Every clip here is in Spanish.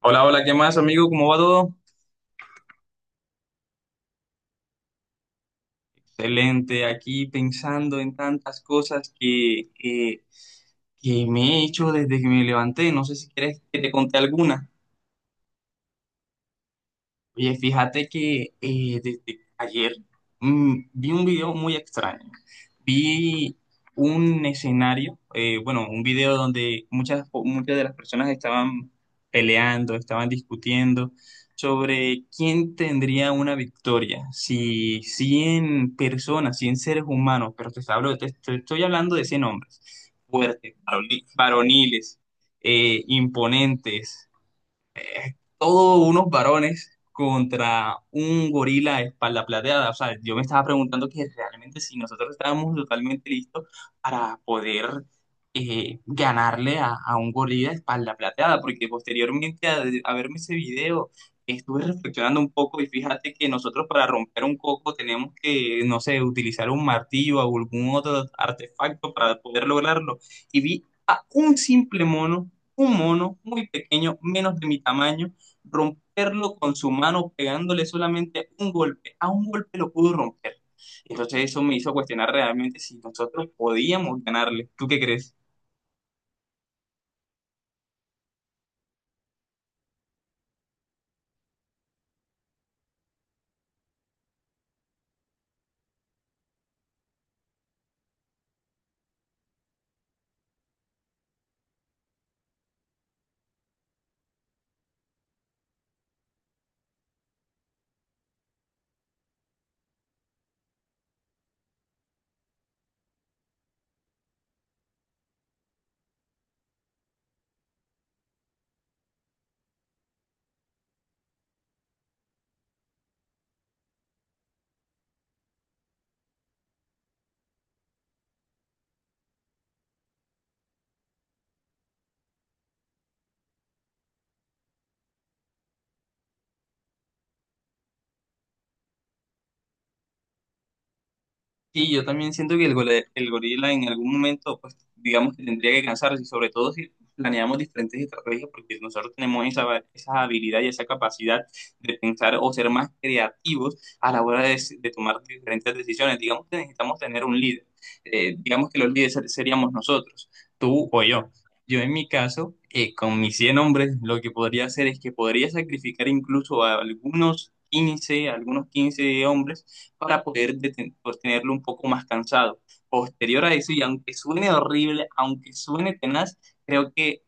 Hola, hola, ¿qué más, amigo? ¿Cómo va todo? Excelente, aquí pensando en tantas cosas que me he hecho desde que me levanté. No sé si quieres que te conté alguna. Oye, fíjate que desde ayer vi un video muy extraño. Vi un escenario, un video donde muchas de las personas estaban peleando, estaban discutiendo sobre quién tendría una victoria, si 100 personas, 100 seres humanos, pero te hablo, te estoy hablando de 100 hombres, fuertes, varoniles, imponentes, todos unos varones contra un gorila de espalda plateada. O sea, yo me estaba preguntando que realmente si nosotros estábamos totalmente listos para poder ganarle a un gorila de espalda plateada, porque posteriormente a verme ese video estuve reflexionando un poco y fíjate que nosotros para romper un coco tenemos que, no sé, utilizar un martillo o algún otro artefacto para poder lograrlo. Y vi a un simple mono, un mono muy pequeño, menos de mi tamaño, romperlo con su mano pegándole solamente un golpe. A un golpe lo pudo romper. Entonces eso me hizo cuestionar realmente si nosotros podíamos ganarle. ¿Tú qué crees? Sí, yo también siento que el gorila en algún momento, pues digamos que tendría que cansarse, y sobre todo si planeamos diferentes estrategias, porque nosotros tenemos esa habilidad y esa capacidad de pensar o ser más creativos a la hora de tomar diferentes decisiones. Digamos que necesitamos tener un líder. Digamos que los líderes seríamos nosotros, tú o yo. Yo en mi caso, con mis 100 hombres, lo que podría hacer es que podría sacrificar incluso a algunos 15 hombres para poder tenerlo un poco más cansado. Posterior a eso, y aunque suene horrible, aunque suene tenaz, creo que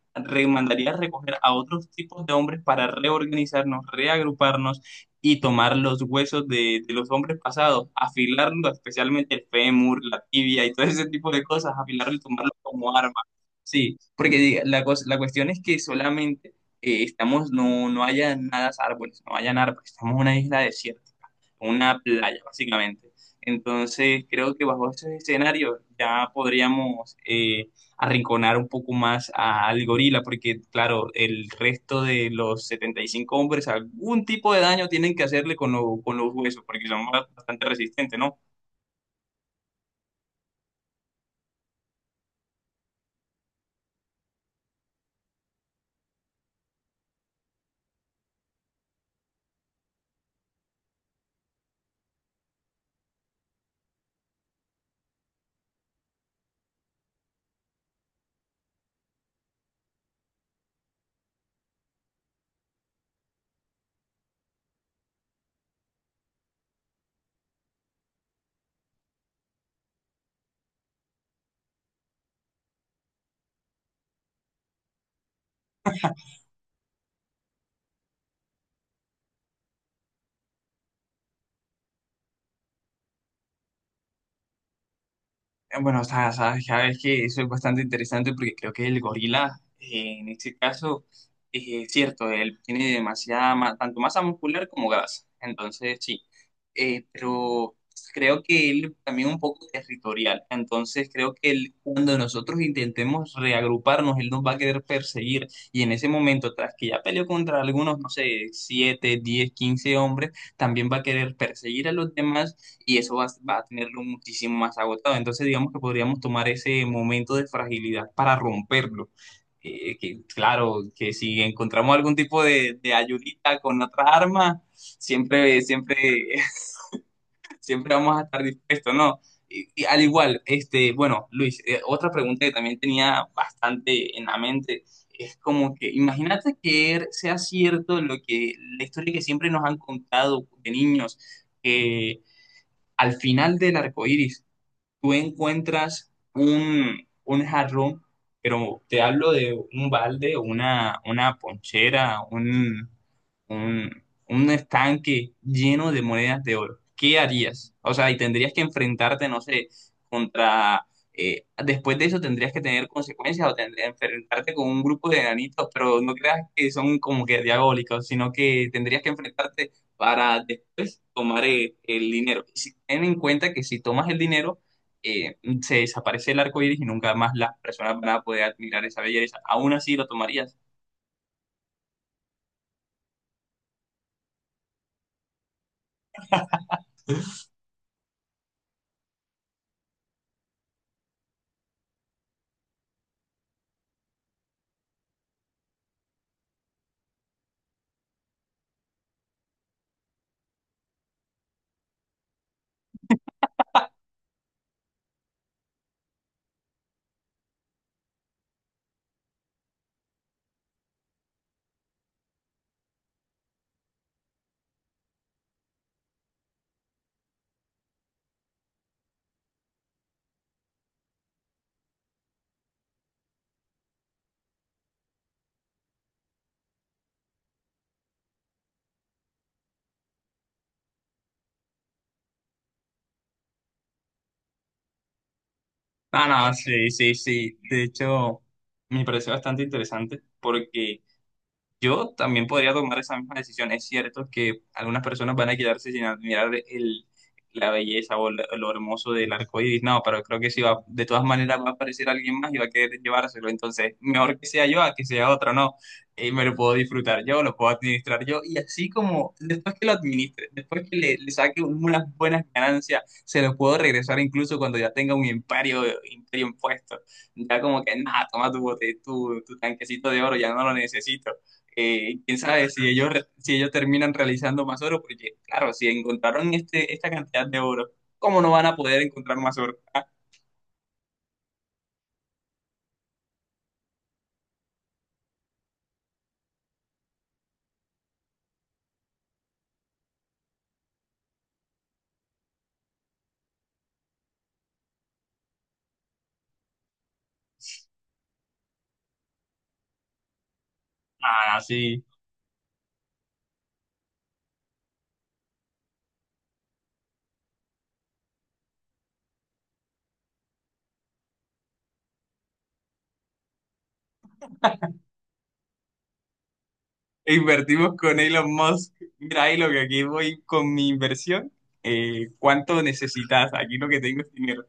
mandaría recoger a otros tipos de hombres para reorganizarnos, reagruparnos y tomar los huesos de los hombres pasados, afilarlo, especialmente el fémur, la tibia y todo ese tipo de cosas, afilarlo y tomarlo como arma. Sí, porque la cuestión es que solamente estamos, no, no haya nada árboles, no hayan árboles, estamos en una isla desierta, una playa, básicamente. Entonces, creo que bajo ese escenario ya podríamos arrinconar un poco más al gorila, porque claro, el resto de los 75 hombres algún tipo de daño tienen que hacerle con, con los huesos, porque son bastante resistentes, ¿no? Bueno, o sea, sabes, ya ves que eso es bastante interesante porque creo que el gorila, en este caso, es cierto, él tiene demasiada, tanto masa muscular como grasa. Entonces, sí. Pero creo que él también un poco territorial. Entonces, creo que él, cuando nosotros intentemos reagruparnos, él nos va a querer perseguir. Y en ese momento, tras que ya peleó contra algunos, no sé, 7, 10, 15 hombres, también va a querer perseguir a los demás y eso va a tenerlo muchísimo más agotado. Entonces, digamos que podríamos tomar ese momento de fragilidad para romperlo. Que, claro, que si encontramos algún tipo de ayudita con otras armas, siempre, siempre, siempre vamos a estar dispuestos, ¿no? Y al igual, este, bueno, Luis, otra pregunta que también tenía bastante en la mente es como que, imagínate que sea cierto lo que la historia que siempre nos han contado de niños, que al final del arco iris tú encuentras un jarrón, pero te hablo de un balde, una ponchera, un, un estanque lleno de monedas de oro. ¿Qué harías? O sea, y tendrías que enfrentarte, no sé, contra... después de eso tendrías que tener consecuencias o tendrías que enfrentarte con un grupo de enanitos, pero no creas que son como que diabólicos, sino que tendrías que enfrentarte para después tomar el dinero. Y si ten en cuenta que si tomas el dinero, se desaparece el arco iris y nunca más las personas van a poder admirar esa belleza. Aún así lo tomarías. Ah, no, sí, sí, sí. De hecho, me pareció bastante interesante porque yo también podría tomar esa misma decisión. Es cierto que algunas personas van a quedarse sin admirar la belleza o lo hermoso del arco iris. No, pero creo que si va, de todas maneras va a aparecer alguien más y va a querer llevárselo. Entonces, mejor que sea yo a que sea otro, ¿no? Y me lo puedo disfrutar yo, lo puedo administrar yo. Y así como después que lo administre, después que le saque unas buenas ganancias, se lo puedo regresar incluso cuando ya tenga un imperio, imperio impuesto. Ya como que, nada, toma tu bote, tu tanquecito de oro, ya no lo necesito. Quién sabe si ellos, si ellos terminan realizando más oro, porque claro, si encontraron esta cantidad de oro, ¿cómo no van a poder encontrar más oro? Ah, ah, sí. Invertimos con Elon Musk. Mira, ahí lo que aquí voy con mi inversión. ¿Cuánto necesitas? Aquí lo que tengo es dinero.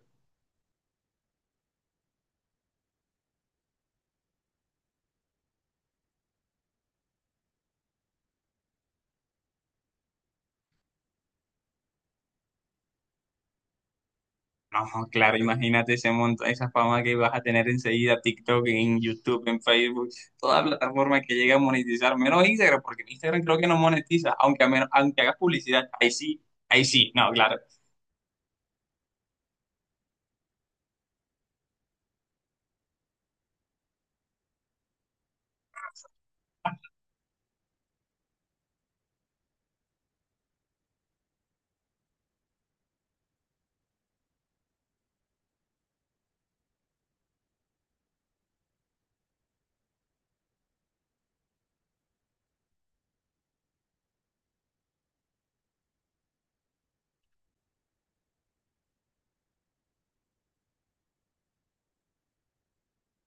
No, claro, imagínate ese monto, esa fama que vas a tener enseguida, TikTok, en YouTube, en Facebook, toda plataforma que llegue a monetizar, menos Instagram, porque en Instagram creo que no monetiza, aunque, a menos, aunque hagas publicidad, ahí sí, no, claro.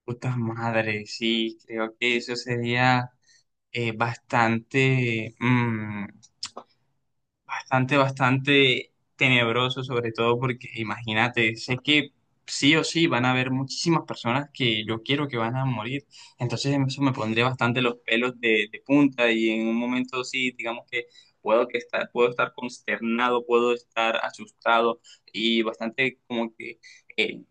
Puta madre, sí, creo que eso sería bastante, bastante, bastante tenebroso, sobre todo porque imagínate, sé que sí o sí van a haber muchísimas personas que yo quiero que van a morir, entonces eso me pondría bastante los pelos de punta y en un momento sí, digamos que puedo estar consternado, puedo estar asustado y bastante como que eh,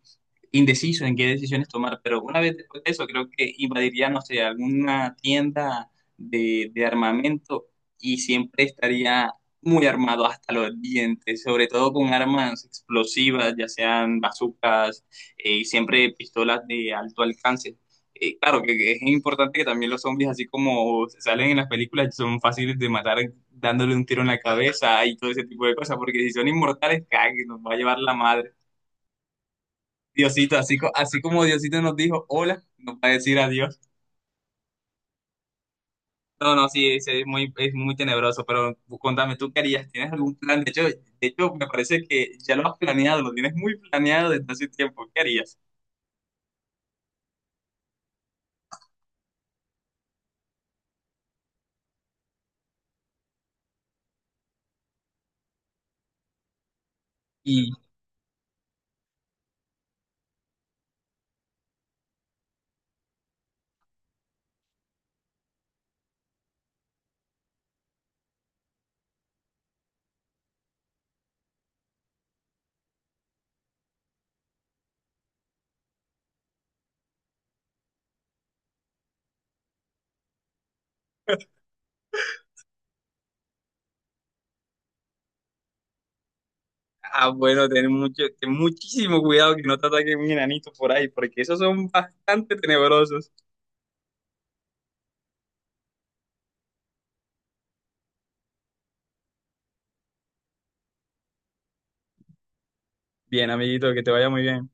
indeciso en qué decisiones tomar, pero una vez después de eso creo que invadiría, no sé, alguna tienda de armamento y siempre estaría muy armado hasta los dientes, sobre todo con armas explosivas, ya sean bazucas, y siempre pistolas de alto alcance. Claro que es importante que también los zombies, así como se salen en las películas, son fáciles de matar dándole un tiro en la cabeza y todo ese tipo de cosas, porque si son inmortales, cague, nos va a llevar la madre. Diosito, así, así como Diosito nos dijo hola, nos va a decir adiós. No, no, sí, es muy tenebroso, pero contame, ¿tú qué harías? ¿Tienes algún plan? De hecho, me parece que ya lo has planeado, lo tienes muy planeado desde hace tiempo. ¿Qué harías? Y, ah, bueno, ten muchísimo cuidado que no te ataquen un enanito por ahí, porque esos son bastante tenebrosos. Bien, amiguito, que te vaya muy bien.